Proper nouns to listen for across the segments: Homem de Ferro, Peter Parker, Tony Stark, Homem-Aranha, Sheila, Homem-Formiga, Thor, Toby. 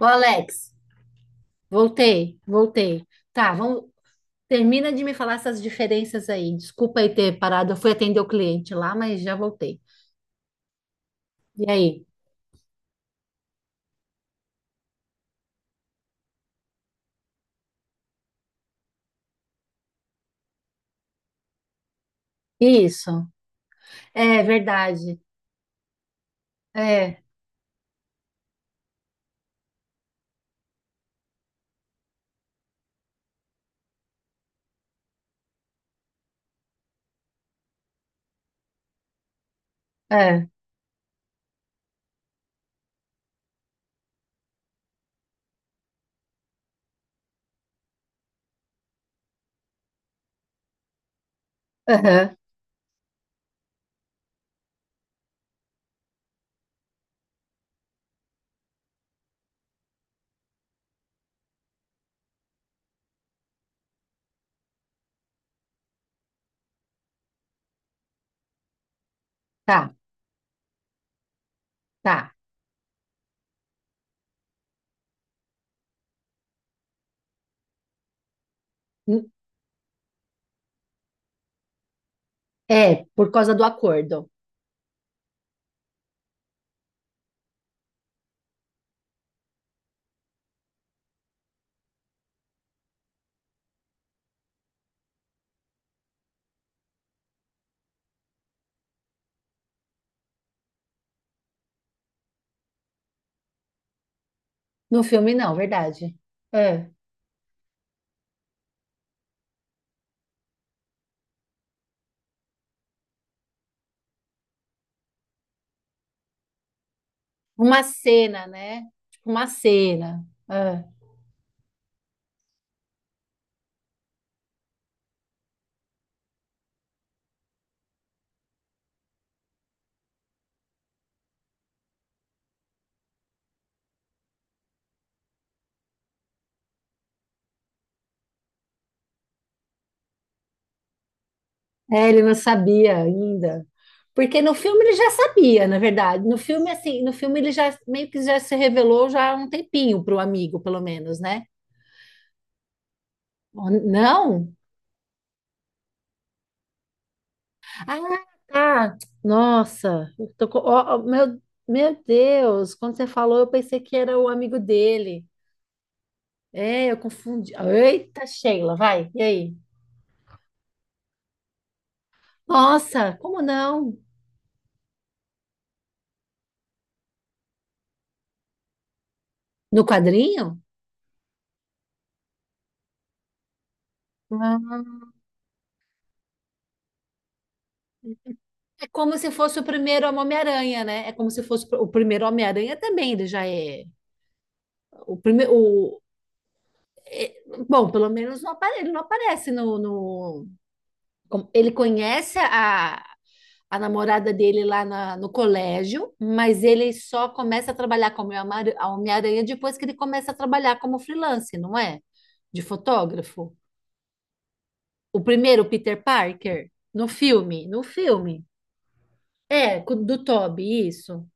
Ô, Alex, voltei. Tá, vamos, termina de me falar essas diferenças aí. Desculpa aí ter parado, eu fui atender o cliente lá, mas já voltei. E aí? Isso. É verdade. É, é. Aham. Tá, tá. É, por causa do acordo. No filme, não, verdade. É. Uma cena, né? Tipo, uma cena. É. É, ele não sabia ainda. Porque no filme ele já sabia, na verdade. No filme, assim, no filme ele já meio que já se revelou já há um tempinho para o amigo, pelo menos, né? Ó, não? Ah, tá. Nossa, eu tô ó, ó, meu Deus, quando você falou, eu pensei que era o amigo dele. É, eu confundi. Eita, Sheila, vai, e aí? Nossa, como não? No quadrinho? Como se fosse o primeiro Homem-Aranha, né? É como se fosse o primeiro Homem-Aranha também, ele já é o primeiro. é- Bom, pelo menos ele não aparece Ele conhece a namorada dele no colégio, mas ele só começa a trabalhar como a Homem-Aranha depois que ele começa a trabalhar como freelance, não é? De fotógrafo. O primeiro, Peter Parker, no filme. É, do Toby, isso.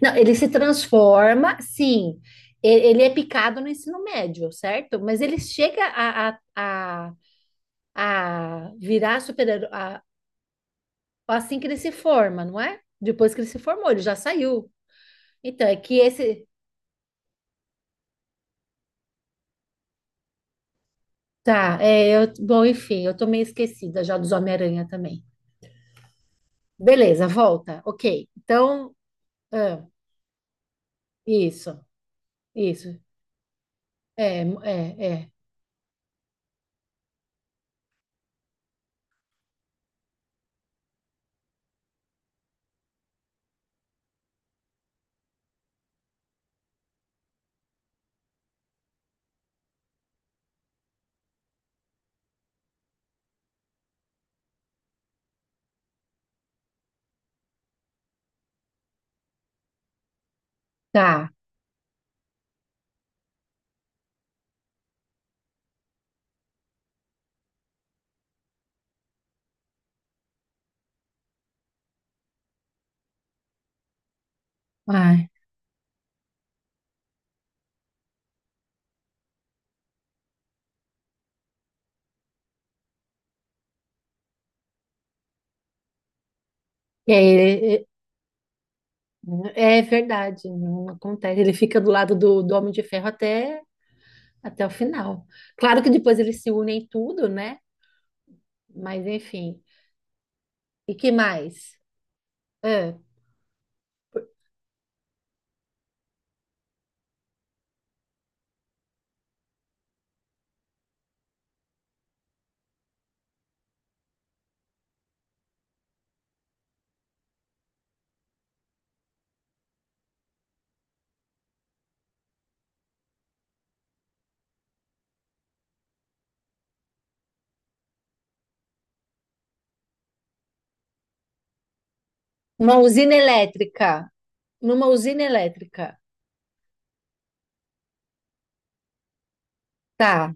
Não, ele se transforma, sim. Ele é picado no ensino médio, certo? Mas ele chega a, a virar super-herói assim que ele se forma, não é? Depois que ele se formou, ele já saiu. Então, é que esse. Tá, é, bom, enfim, eu tô meio esquecida já dos Homem-Aranha também. Beleza, volta. Ok. Então, ah, isso, isso. É. Tá. Ai. É, é verdade, não acontece. Ele fica do lado do, do Homem de Ferro até o final. Claro que depois eles se unem em tudo, né? Mas enfim. E que mais? Ah, uma usina elétrica. Numa usina elétrica. Tá,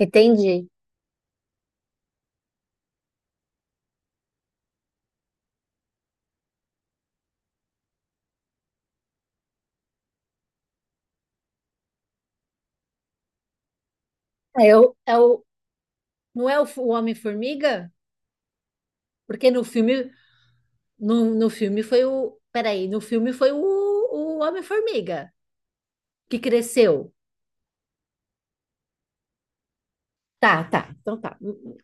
entendi. É o, não é o, o Homem-Formiga? Porque no filme, no filme foi o. Peraí, no filme foi o Homem-Formiga que cresceu. Tá. Então tá.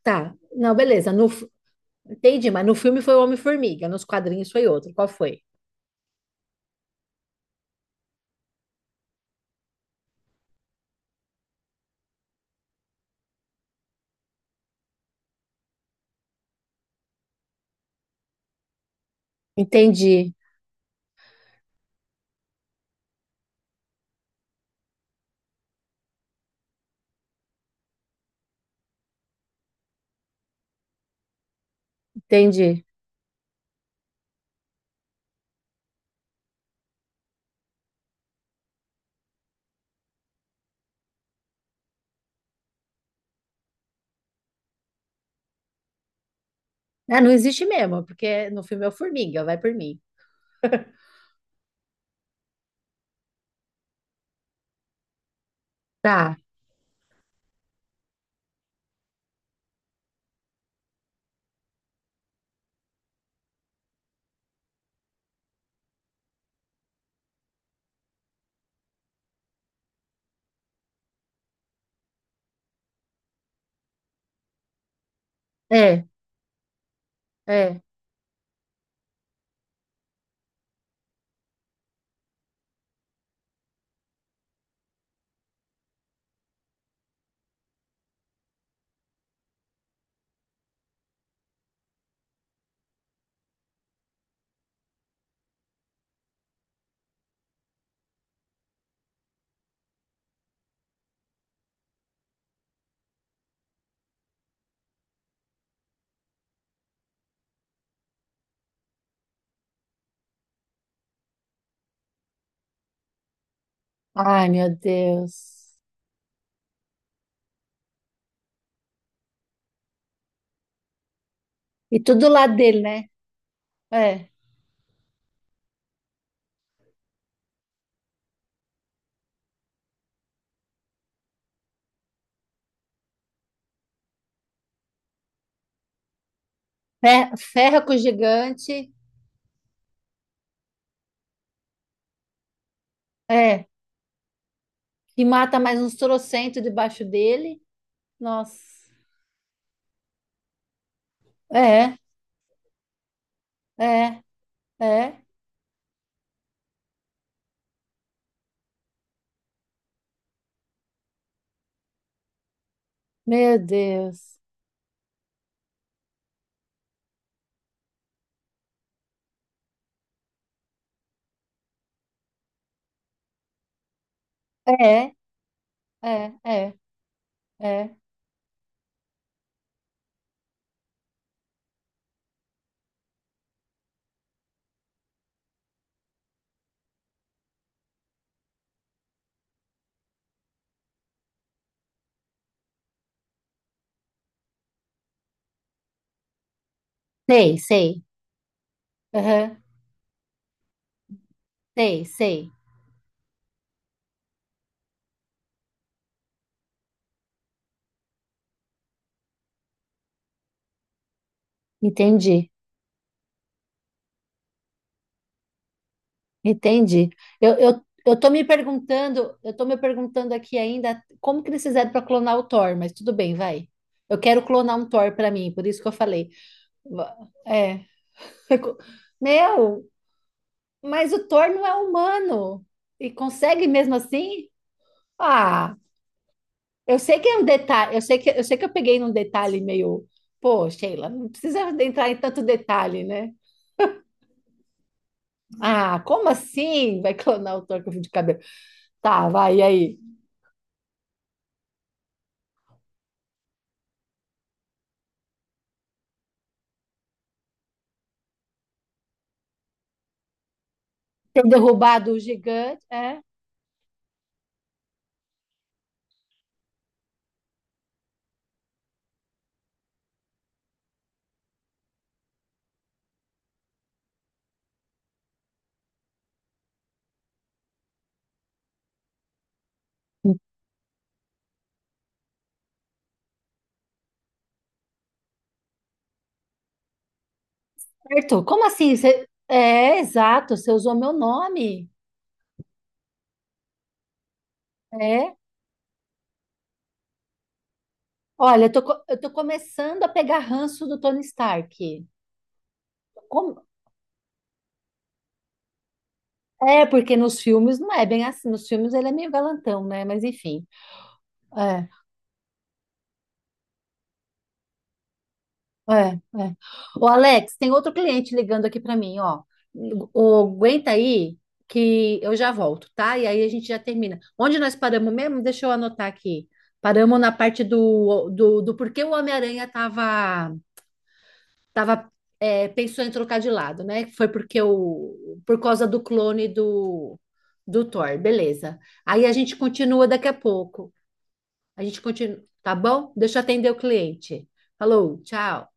Tá. Não, beleza. No, Entendi, mas no filme foi o Homem-Formiga, nos quadrinhos foi outro. Qual foi? Entendi, entendi. Ah, não existe mesmo, porque no filme é o Formiga, vai por mim. Tá, é, é. Ai, meu Deus. E tudo lá dele, né? É. Ferra com o gigante, é. E mata mais uns trocentos debaixo dele. Nossa. É, é, é. Meu Deus. É, é, é, é. Sei, sei. Aham. Sei, sei. Entendi, entendi. Eu tô me perguntando, eu tô me perguntando aqui ainda como que eles fizeram para clonar o Thor, mas tudo bem, vai. Eu quero clonar um Thor para mim, por isso que eu falei. Va- É. Meu, mas o Thor não é humano e consegue mesmo assim? Ah, eu sei que é um detalhe, eu sei que eu sei que eu peguei num detalhe meio, pô, Sheila, não precisa entrar em tanto detalhe, né? Ah, como assim vai clonar o Thor com fio de cabelo? Tá, vai, e aí? Ter derrubado o gigante. É, certo. Como assim? É, exato, você usou meu nome. É. Olha, eu tô, eu tô começando a pegar ranço do Tony Stark. Como- É, porque nos filmes não é bem assim. Nos filmes ele é meio galantão, né? Mas enfim. É. É, é. Ô, Alex, tem outro cliente ligando aqui para mim, ó. O, aguenta aí que eu já volto, tá? E aí a gente já termina. Onde nós paramos mesmo? Deixa eu anotar aqui. Paramos na parte do porquê o Homem-Aranha tava, é, pensou em trocar de lado, né? Foi porque o, por causa do clone do, do Thor, beleza. Aí a gente continua daqui a pouco. A gente continua, tá bom? Deixa eu atender o cliente. Falou, tchau.